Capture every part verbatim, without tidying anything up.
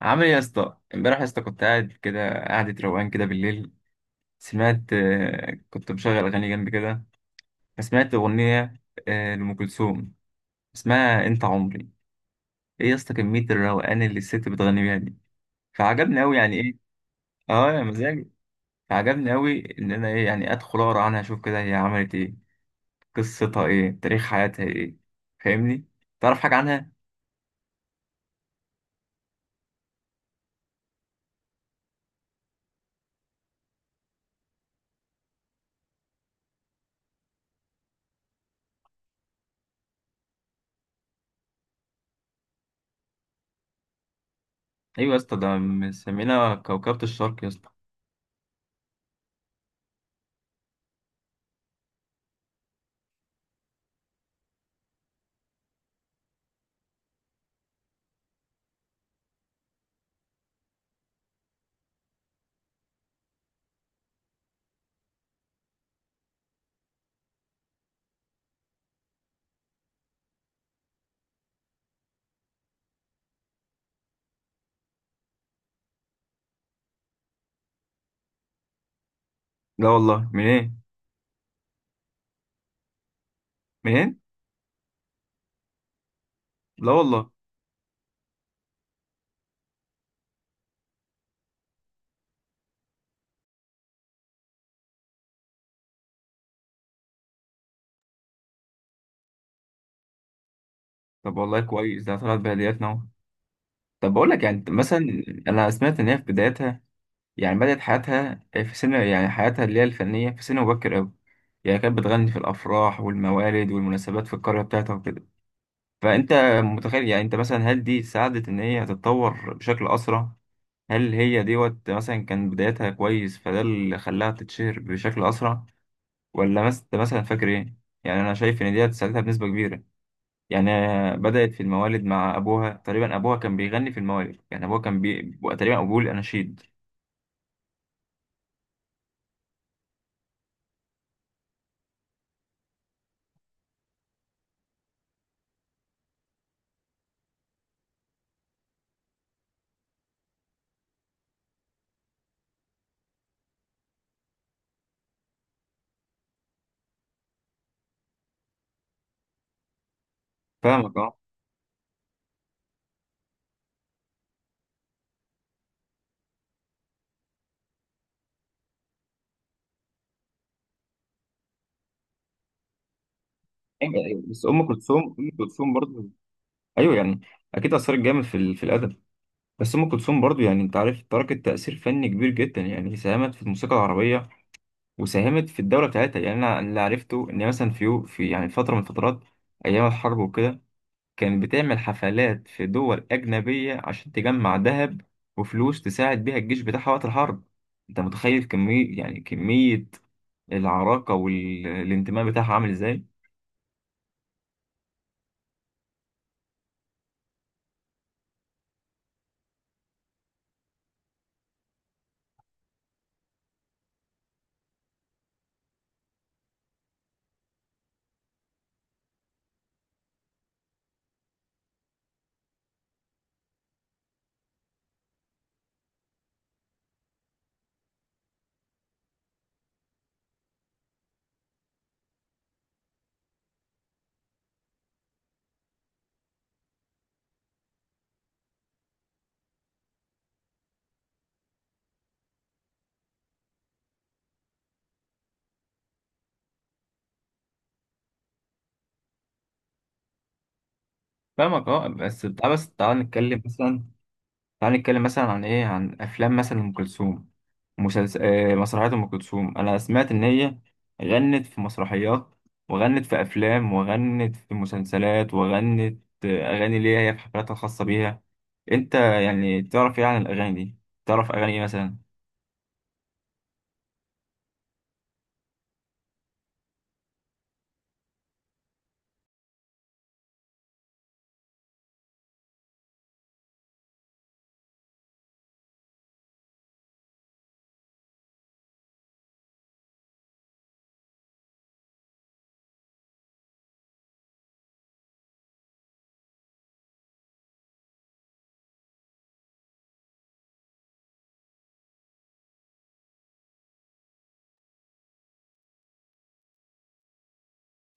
عامل ايه يا اسطى؟ امبارح يا اسطى كنت قاعد كده قعدة روقان كده بالليل. سمعت، آه، كنت مشغل اغاني جنبي كده. فسمعت اغنية آه، لأم كلثوم، اسمها انت عمري. ايه يا اسطى كمية الروقان اللي الست بتغني بيها دي؟ فعجبني قوي يعني، ايه؟ اه يا مزاجي. فعجبني قوي، ان انا ايه يعني؟ ادخل اقرا عنها، اشوف كده هي عملت ايه، قصتها ايه، تاريخ حياتها ايه. فاهمني؟ تعرف حاجة عنها؟ ايوه يا اسطى، ده مسمينا كوكبة الشرق يا اسطى. لا والله، منين؟ منين؟ لا والله. طب والله كويس، ده طلعت بهديات نوع. طب بقول لك يعني، أنت مثلا. انا سمعت ان هي في بدايتها، يعني بدأت حياتها في سن، يعني حياتها اللي هي الفنية، في سن مبكر قوي. يعني كانت بتغني في الافراح والموالد والمناسبات في القرية بتاعتها وكده. فانت متخيل يعني؟ انت مثلا، هل دي ساعدت ان هي تتطور بشكل اسرع؟ هل هي دوت مثلا كان بدايتها كويس فده اللي خلاها تتشهر بشكل اسرع، ولا مثلا مثلا فاكر ايه؟ يعني انا شايف ان ديت ساعدتها بنسبة كبيرة يعني. بدأت في الموالد مع أبوها، تقريبا أبوها كان بيغني في الموالد، يعني أبوها كان بي... بيبقى تقريبا أبوه الأناشيد. فاهمك أه. أيوة، أيوة، بس أم كلثوم، أم كلثوم برضه، أيوه يعني. أكيد أثرت جامد في ال... في الأدب. بس أم كلثوم برضه، يعني أنت عارف، تركت تأثير فني كبير جدا، يعني ساهمت في الموسيقى العربية. وساهمت في الدولة بتاعتها، يعني أنا اللي عرفته إن مثلا في يو- في يعني فترة من الفترات، أيام الحرب وكده، كانت بتعمل حفلات في دول أجنبية عشان تجمع ذهب وفلوس تساعد بيها الجيش بتاعها وقت الحرب. أنت متخيل كمية، يعني كمية العراقة والانتماء بتاعها عامل إزاي؟ فاهمك أه. بس تعال بس تعال نتكلم مثلا، تعالى نتكلم مثلا عن ايه، عن افلام مثلا ام كلثوم، مسلسل، آه، مسرحيات ام كلثوم. انا سمعت ان هي غنت في مسرحيات، وغنت في افلام، وغنت في مسلسلات، وغنت آه، اغاني ليها هي في حفلاتها الخاصه بيها. انت يعني تعرف ايه عن الاغاني دي؟ تعرف اغاني ايه مثلا؟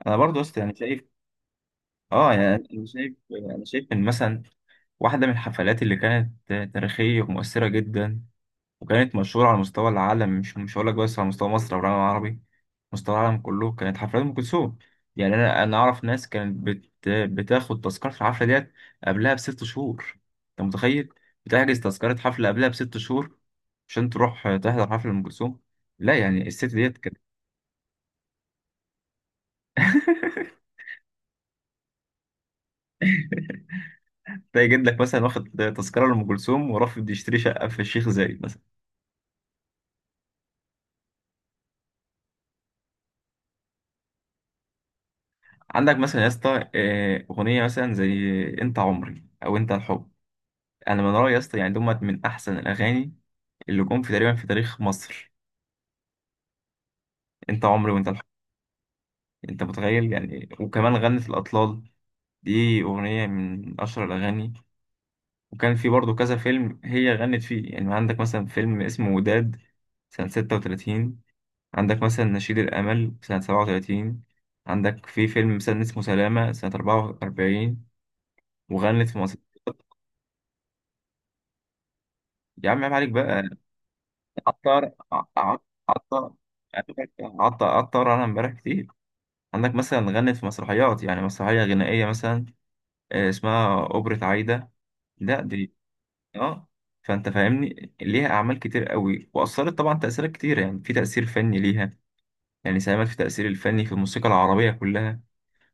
انا برضو أصلا يعني شايف، اه يعني انا شايف انا شايف ان مثلا واحده من الحفلات اللي كانت آه، تاريخيه ومؤثره جدا، وكانت مشهوره على مستوى العالم، مش مش هقول لك بس على مستوى مصر او العالم العربي، مستوى العالم كله كانت حفلات ام كلثوم. يعني انا انا اعرف ناس كانت بت... بتاخد تذكره الحفله ديت قبلها بست شهور. انت متخيل؟ بتحجز تذكره حفله قبلها بست شهور، عشان تروح تحضر حفله ام كلثوم. لا يعني الست ديت كانت. تلاقي جدك مثلا واخد تذكره لام كلثوم ورافض يشتري شقه في الشيخ زايد مثلا. عندك مثلا يا اسطى آه، اغنيه مثلا زي انت عمري او انت الحب، انا من رايي يا اسطى يعني دمت من احسن الاغاني اللي جم في تقريبا في تاريخ مصر، انت عمري وانت الحب. انت متخيل يعني؟ وكمان غنت الاطلال، دي اغنيه من اشهر الاغاني. وكان في برضه كذا فيلم هي غنت فيه، يعني عندك مثلا فيلم اسمه وداد سنه ستة وتلاتين، عندك مثلا نشيد الامل سنه سبعة وثلاثين، عندك في فيلم مثلا اسمه سلامه سنه أربعة وأربعين، وغنت في مصر. يا عم عيب عليك بقى. عطر ع- ع- عطر، عطر، عطر، انا امبارح كتير. عندك مثلا غنت في مسرحيات، يعني مسرحيه غنائيه مثلا آه، اسمها اوبرا عايده. لا دي، اه، فانت فاهمني، ليها اعمال كتير قوي واثرت طبعا تاثيرات كتير، يعني في تاثير فني ليها، يعني ساهمت في التاثير الفني في الموسيقى العربيه كلها.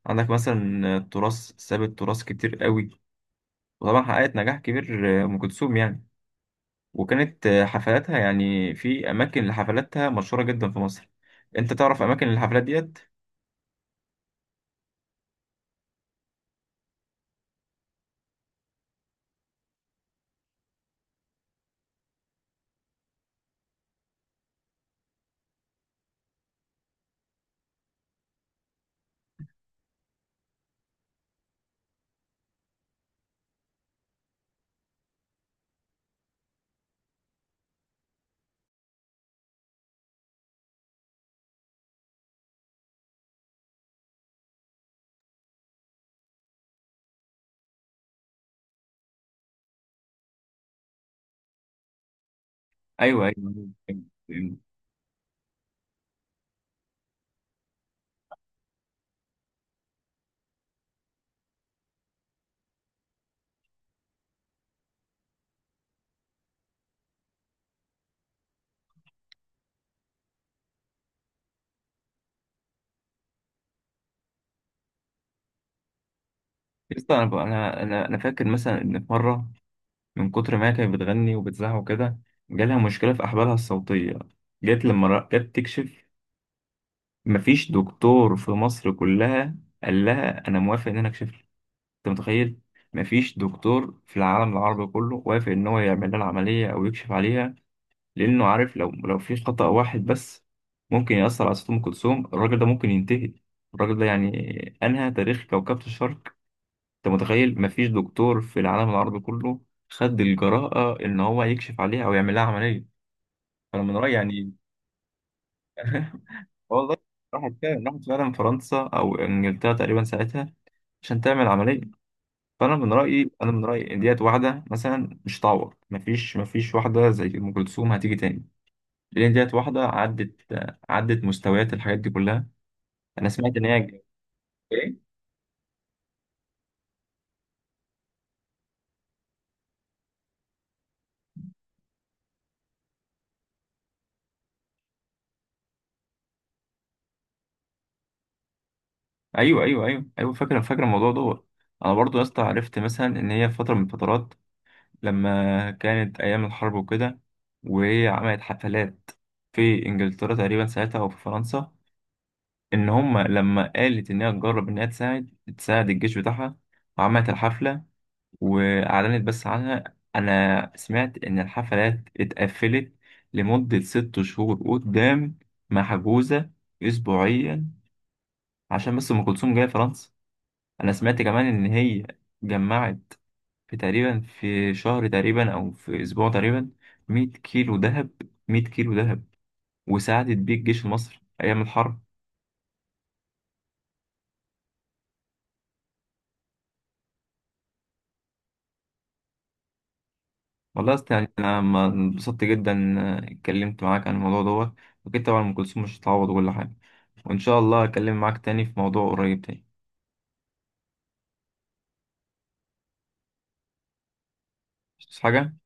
عندك مثلا آه، تراث، سابت تراث كتير قوي، وطبعا حققت نجاح كبير، آه، ام كلثوم يعني. وكانت آه، حفلاتها يعني في اماكن لحفلاتها مشهوره جدا في مصر. انت تعرف اماكن الحفلات ديت؟ ايوه، ايوه، أيوة. يسطا، انا انا انا أنا فاكر مثلا ان في مره، من كتر ما هي كانت بتغني وبتزعق وكده، جالها مشكلة في أحبالها الصوتية. جت لما را- جت تكشف، مفيش دكتور في مصر كلها قال لها أنا موافق إن أنا أكشف لك. أنت متخيل؟ مفيش دكتور في العالم العربي كله وافق إن هو يعمل لها العملية أو يكشف عليها، لأنه عارف لو لو في خطأ واحد بس ممكن يأثر على صوت أم كلثوم. الراجل ده ممكن ينتهي، الراجل ده يعني أنهى تاريخ كوكبة الشرق. انت متخيل؟ مفيش دكتور في العالم العربي كله خد الجراءة ان هو يكشف عليها او يعمل لها عملية. فانا من رأيي يعني. والله، راحت فعلا راحت فعلا فرنسا او انجلترا تقريبا ساعتها عشان تعمل عملية. فانا من رأيي انا من رأيي ان ديت واحدة مثلا مش هتعوض، مفيش مفيش واحدة زي ام كلثوم هتيجي تاني، لان ديت واحدة عدت عدت مستويات الحاجات دي كلها. انا سمعت ان هي، ايه؟ ايوه، ايوه، ايوه، ايوه، فاكر فاكر الموضوع دوت. انا برضو يا اسطى عرفت مثلا ان هي في فتره من الفترات، لما كانت أيام الحرب وكده، وهي عملت حفلات في إنجلترا تقريبا ساعتها أو في فرنسا، إن هما لما قالت إنها تجرب إنها تساعد تساعد الجيش بتاعها، وعملت الحفلة وأعلنت بس عنها. أنا سمعت إن الحفلات اتقفلت لمدة ست شهور قدام، محجوزة أسبوعيا، عشان بس أم كلثوم جاية فرنسا. أنا سمعت كمان إن هي جمعت في تقريبا في شهر تقريبا او في اسبوع تقريبا ميه كيلو ذهب، ميه كيلو ذهب، وساعدت بيه الجيش المصري ايام الحرب. والله يا أسطى يعني انا ما انبسطت جدا، آه، اتكلمت معاك عن الموضوع دوت، واكيد طبعا ام كلثوم مش هتعوض كل حاجه. وان شاء الله اكلم معاك تاني في موضوع قريب تاني. مش حاجه.